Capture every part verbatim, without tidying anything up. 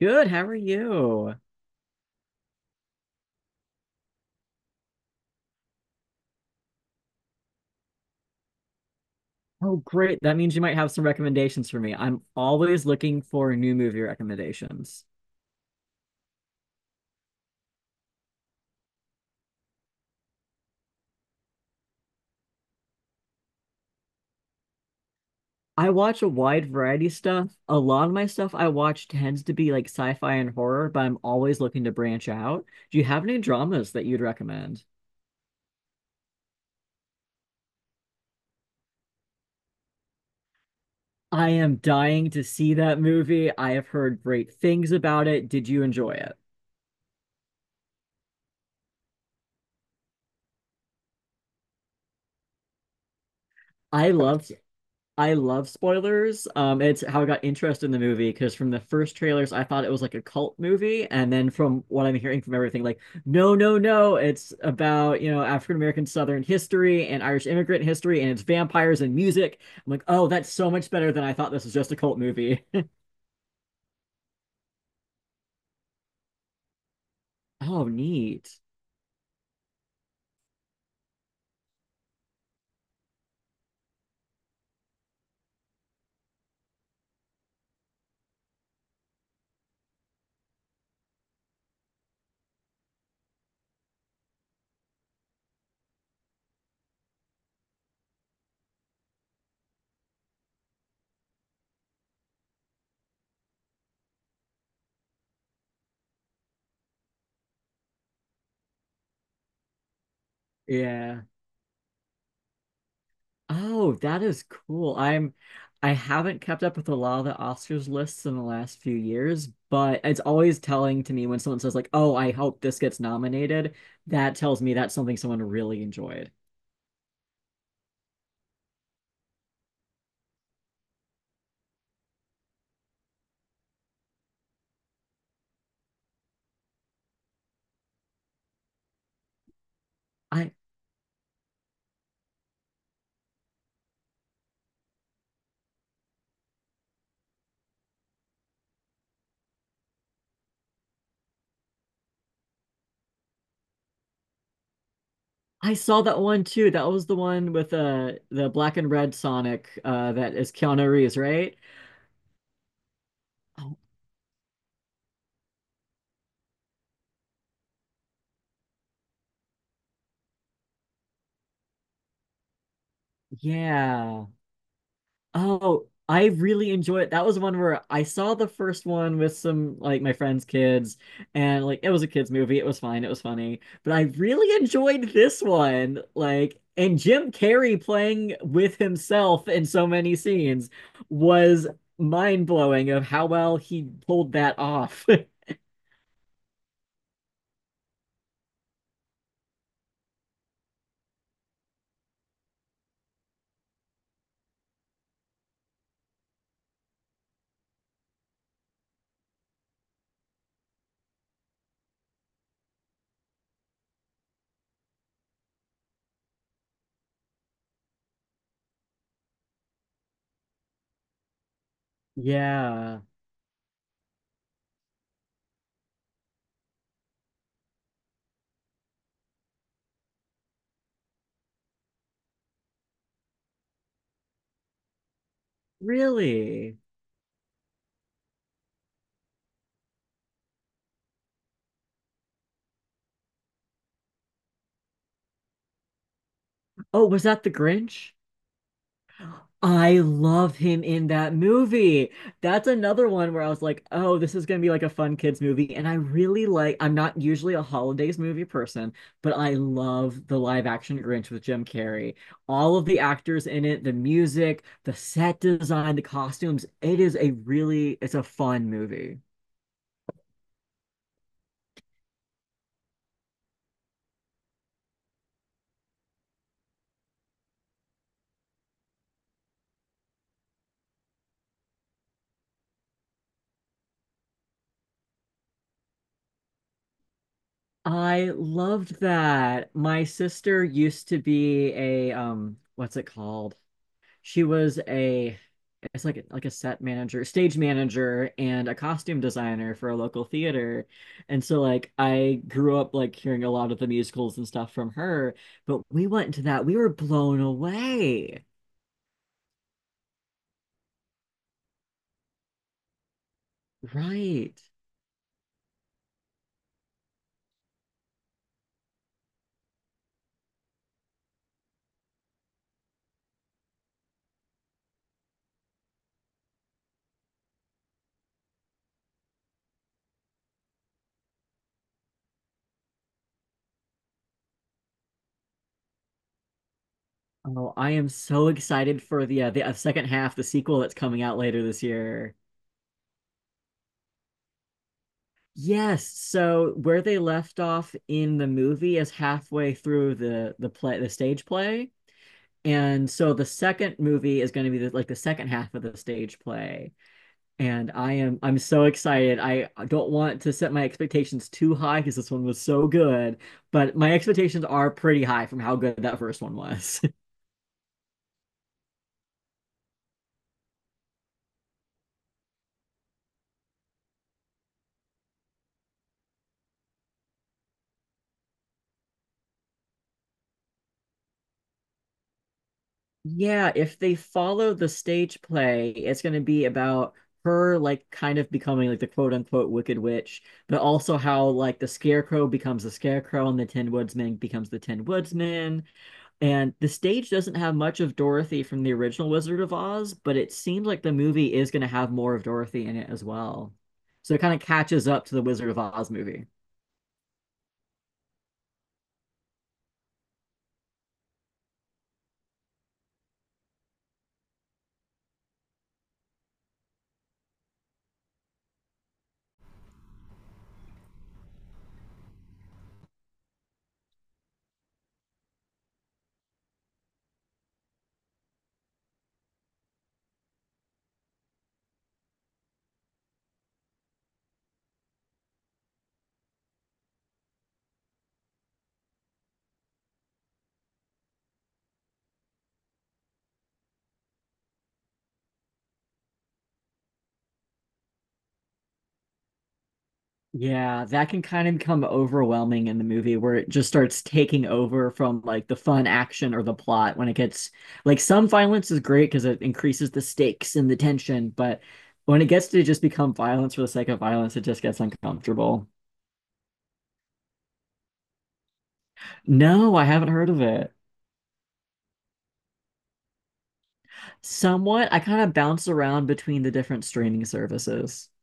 Good, how are you? Oh, great. That means you might have some recommendations for me. I'm always looking for new movie recommendations. I watch a wide variety of stuff. A lot of my stuff I watch tends to be like sci-fi and horror, but I'm always looking to branch out. Do you have any dramas that you'd recommend? I am dying to see that movie. I have heard great things about it. Did you enjoy it? I Oh, loved I love spoilers. Um, it's how I got interested in the movie because from the first trailers, I thought it was like a cult movie, and then from what I'm hearing from everything, like, no, no, no, it's about, you know, African American Southern history and Irish immigrant history, and it's vampires and music. I'm like, oh, that's so much better than I thought. This was just a cult movie. Oh, neat. Yeah. Oh, that is cool. I'm I haven't kept up with a lot of the Oscars lists in the last few years, but it's always telling to me when someone says like, "Oh, I hope this gets nominated." That tells me that's something someone really enjoyed. I I saw that one too. That was the one with uh the black and red Sonic uh that is Keanu Reeves, right? Oh, yeah. Oh, I really enjoy it. That was one where I saw the first one with some like my friend's kids, and like it was a kids movie. It was fine. It was funny, but I really enjoyed this one. Like, and Jim Carrey playing with himself in so many scenes was mind blowing of how well he pulled that off. Yeah, really. Oh, was that The Grinch? I love him in that movie. That's another one where I was like, oh, this is going to be like a fun kids movie. And I really like, I'm not usually a holidays movie person, but I love the live action Grinch with Jim Carrey. All of the actors in it, the music, the set design, the costumes. It is a really, it's a fun movie. I loved that. My sister used to be a, um, what's it called? She was a it's like like a set manager, stage manager, and a costume designer for a local theater. And so like I grew up like hearing a lot of the musicals and stuff from her, but we went to that, we were blown away. Right. Oh, I am so excited for the uh, the uh, second half, the sequel that's coming out later this year. Yes, so where they left off in the movie is halfway through the the play, the stage play. And so the second movie is going to be the, like the second half of the stage play. And I am I'm so excited. I don't want to set my expectations too high because this one was so good, but my expectations are pretty high from how good that first one was. Yeah, if they follow the stage play, it's going to be about her like kind of becoming like the quote unquote wicked witch, but also how like the scarecrow becomes the scarecrow and the tin woodsman becomes the tin woodsman. And the stage doesn't have much of Dorothy from the original Wizard of Oz, but it seems like the movie is going to have more of Dorothy in it as well. So it kind of catches up to the Wizard of Oz movie. Yeah, that can kind of become overwhelming in the movie where it just starts taking over from like the fun action or the plot when it gets like some violence is great because it increases the stakes and the tension, but when it gets to just become violence for the sake of violence, it just gets uncomfortable. No, I haven't heard of it. Somewhat, I kind of bounce around between the different streaming services.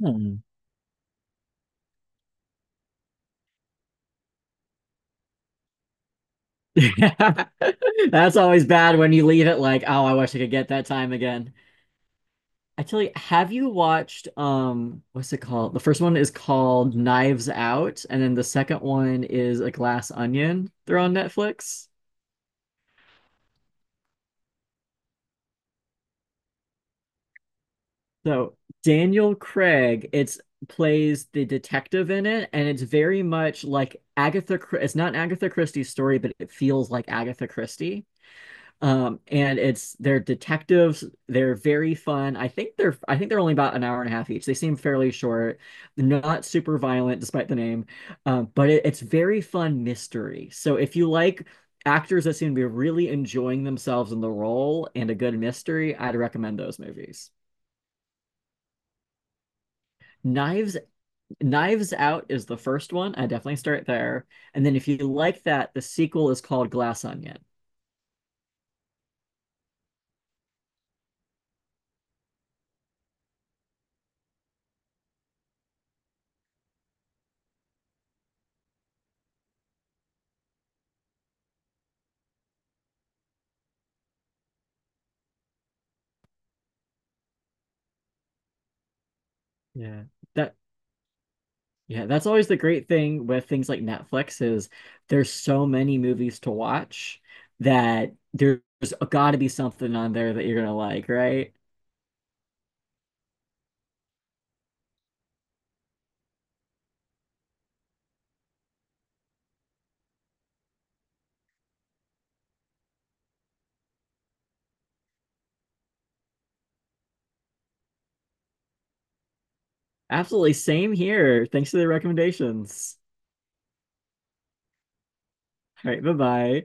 Hmm. That's always bad when you leave it like, oh, I wish I could get that time again. Actually, have you watched um what's it called? The first one is called Knives Out, and then the second one is A Glass Onion. They're on Netflix. So Daniel Craig, it's plays the detective in it, and it's very much like Agatha. It's not an Agatha Christie story, but it feels like Agatha Christie. Um, and It's they're detectives. They're very fun. I think they're I think they're only about an hour and a half each. They seem fairly short, not super violent despite the name, um, but it, it's very fun mystery. So if you like actors that seem to be really enjoying themselves in the role and a good mystery, I'd recommend those movies. Knives Knives Out is the first one. I definitely start there. And then if you like that, the sequel is called Glass Onion. Yeah. That yeah, that's always the great thing with things like Netflix is there's so many movies to watch that there's got to be something on there that you're gonna like, right? Absolutely. Same here. Thanks for the recommendations. All right. Bye bye.